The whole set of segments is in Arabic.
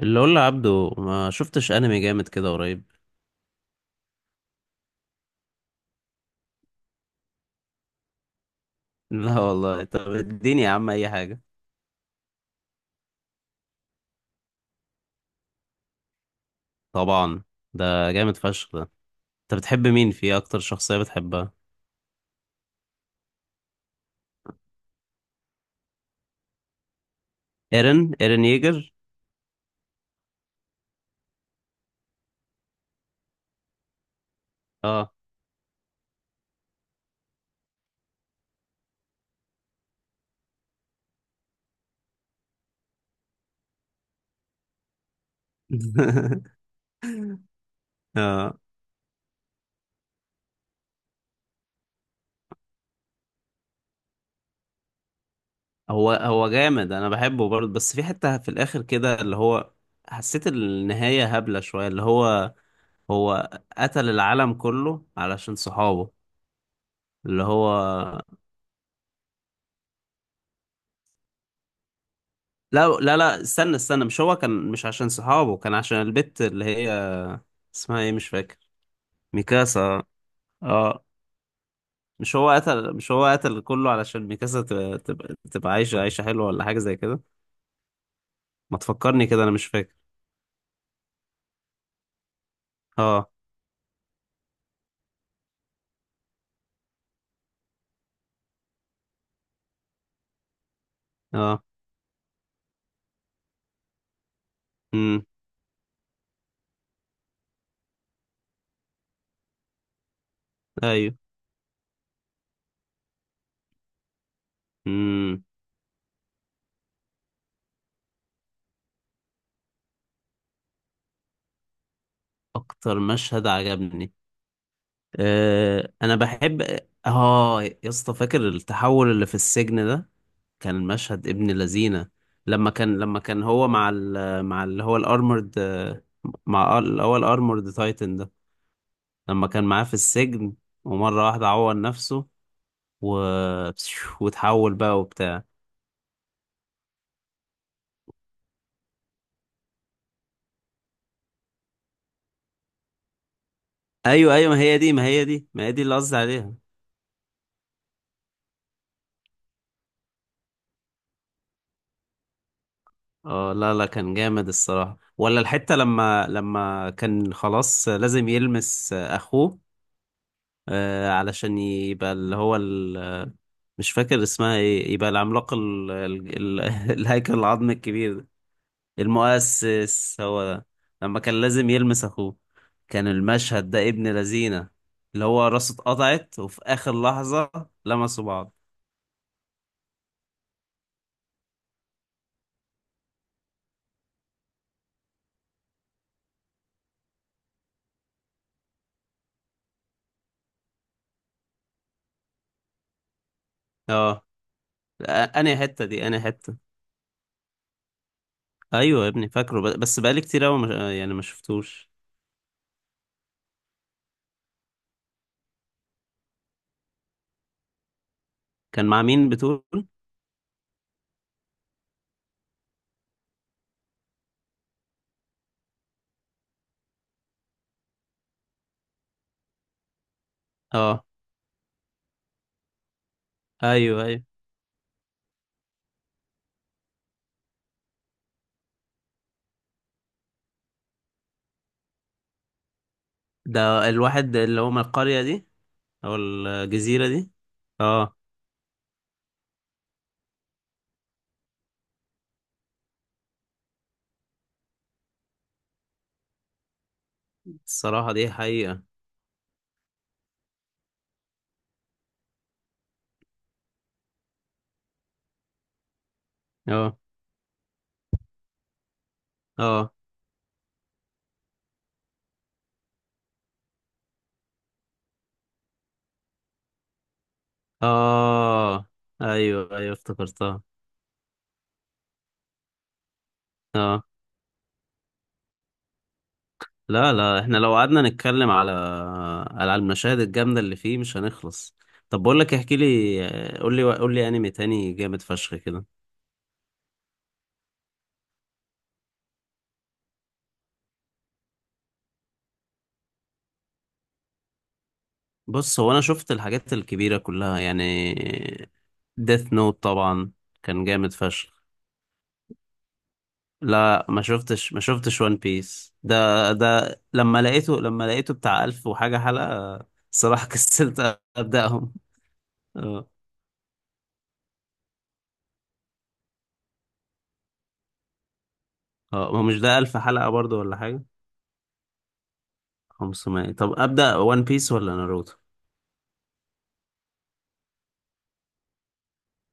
اللي اقول لعبده ما شفتش انمي جامد كده قريب. لا والله، طب اديني يا عم اي حاجه. طبعا. ده جامد فشخ ده. انت بتحب مين فيه؟ اكتر شخصيه بتحبها؟ ايرن ييجر. اه. اه، هو جامد، انا بحبه برضه، بس في حته في الاخر كده، اللي هو حسيت النهايه هبله شويه، اللي هو هو قتل العالم كله علشان صحابه. اللي هو لا لا لا، استنى استنى، مش هو كان، مش عشان صحابه، كان عشان البت اللي هي اسمها ايه، مش فاكر. ميكاسا. اه. مش هو قتل كله علشان ميكاسا تبقى عايشة عيشة حلوة ولا حاجة زي كده. ما تفكرني كده، انا مش فاكر. اه. اه. امم ايوه. امم اكتر مشهد عجبني. انا بحب. اه يا اسطى، فاكر التحول اللي في السجن ده؟ كان المشهد ابن لذينه. لما كان هو مع ال... مع اللي هو الارمورد. مع ال- اللي هو الارمورد تايتن ده. لما كان معاه في السجن ومرة واحدة عور نفسه و... وتحول بقى وبتاع. ايوه ايوه، ما هي دي ما هي دي ما هي دي اللي قصدي عليها. اه، لا لا، كان جامد الصراحة. ولا الحتة لما كان خلاص لازم يلمس اخوه علشان يبقى اللي هو ال... مش فاكر اسمها ايه، يبقى العملاق ال... ال... ال... الهيكل العظمي الكبير ده. المؤسس هو ده. لما كان لازم يلمس اخوه، كان المشهد ده ابن لذينه، اللي هو راسه اتقطعت وفي اخر لحظة لمسوا بعض. اه، انا حتة دي انا حتة. ايوه يا ابني، فاكره، ب- بس بقالي كتير قوي، يعني ما شفتوش. كان مع مين بتقول؟ اه، ايوه ايوه. ده الواحد اللي هو من القرية دي او الجزيرة دي. اه، الصراحة دي حقيقة. اه، اه، اه، ايوه ايوه افتكرتها. اه، لا لا، احنا لو قعدنا نتكلم على المشاهد الجامدة اللي فيه مش هنخلص. طب بقول لك، احكي لي، قول لي قول لي انمي تاني جامد فشخ كده. بص، هو انا شفت الحاجات الكبيرة كلها يعني. ديث نوت طبعا، كان جامد فشخ. لا، ما شفتش وان بيس ده. ده لما لقيته بتاع ألف وحاجة حلقة. صراحة كسلت أبدأهم. اه، اه، ما مش ده ألف حلقة برضو ولا حاجة. 500. طب أبدأ وان بيس ولا ناروتو؟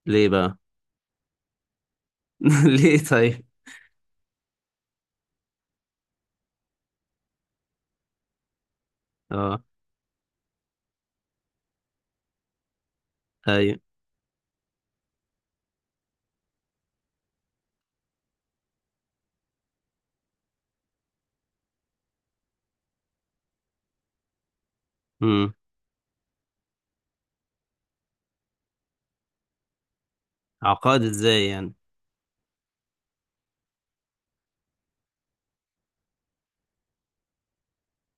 ليه بقى؟ ليه طيب؟ اه، ايوه. امم عقاد ازاي يعني؟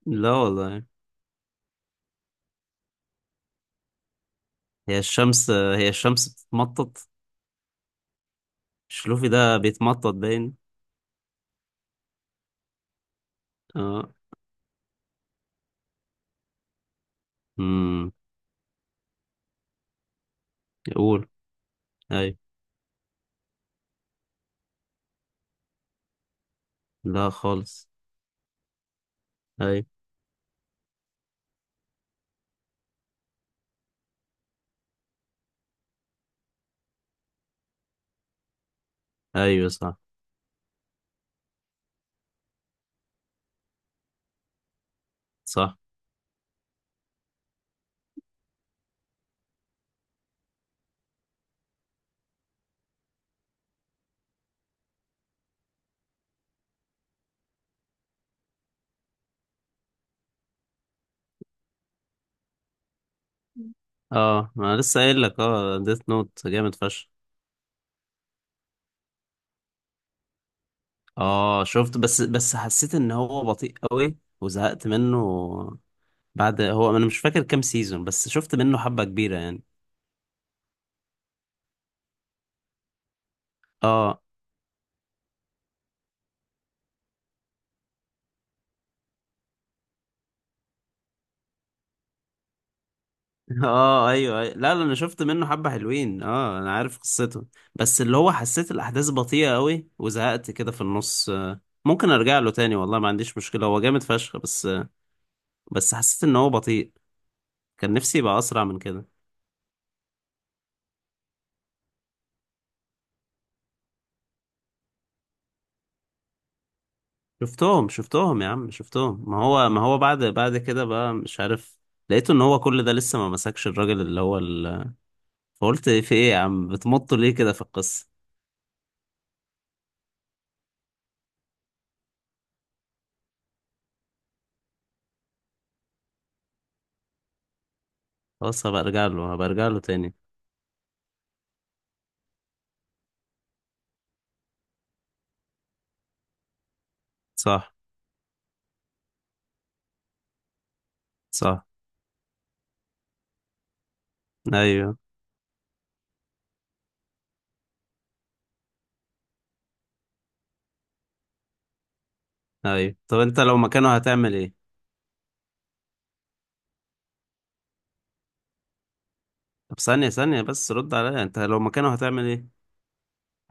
لا والله. هي الشمس بتتمطط؟ مش لوفي ده بيتمطط باين. اه. امم يقول. ايوه. لا خالص. ايوه ايوه، صح صح. اه ما أنا لسه قايل لك، ديث نوت جامد فشخ. اه، شفت، بس حسيت ان هو بطيء قوي وزهقت منه. بعد، هو انا مش فاكر كام سيزون، بس شفت منه حبة كبيرة يعني. اه. اه، ايوه، أيوة. لا لا، انا شفت منه حبة حلوين، اه انا عارف قصته. بس اللي هو حسيت الاحداث بطيئة قوي وزهقت كده في النص. ممكن ارجع له تاني، والله ما عنديش مشكلة، هو جامد فشخ بس. بس حسيت ان هو بطيء، كان نفسي يبقى اسرع من كده. شفتهم يا عم شفتهم، ما هو بعد كده بقى مش عارف. لقيته ان هو كل ده لسه ما مسكش الراجل اللي هو ال... فقلت في ايه يا عم، بتمطوا ليه كده في القصة؟ خلاص، هبقى ارجع له تاني. صح صح، ايوه ايوه. طب انت لو مكانه هتعمل ايه؟ طب ثانية ثانية، بس رد عليا، انت لو مكانه هتعمل ايه؟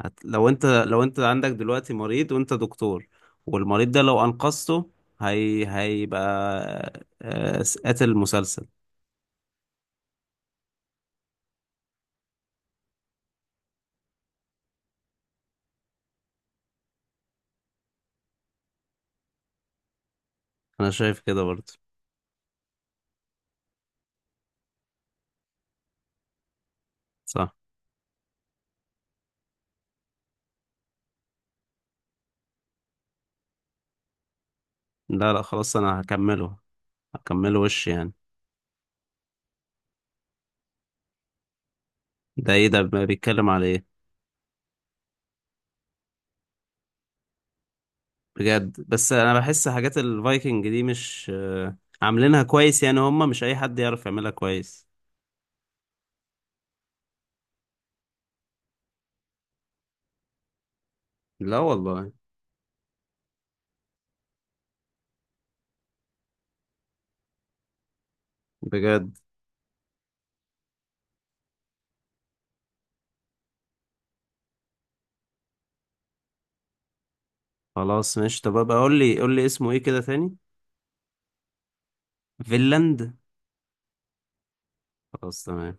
هت... لو انت عندك دلوقتي مريض وانت دكتور، والمريض ده لو انقذته، هي... هيبقى قاتل مسلسل. انا شايف كده برضه. صح. لا لا، خلاص انا هكمله. هكمله وش يعني. ده ايه ده، بيتكلم على ايه؟ بجد؟ بس انا بحس حاجات الفايكنج دي مش عاملينها كويس، يعني هم مش اي حد يعرف يعملها كويس. لا والله. بجد. خلاص ماشي، طب ابقى قول لي قول لي اسمه ايه كده تاني. فينلاند. خلاص تمام.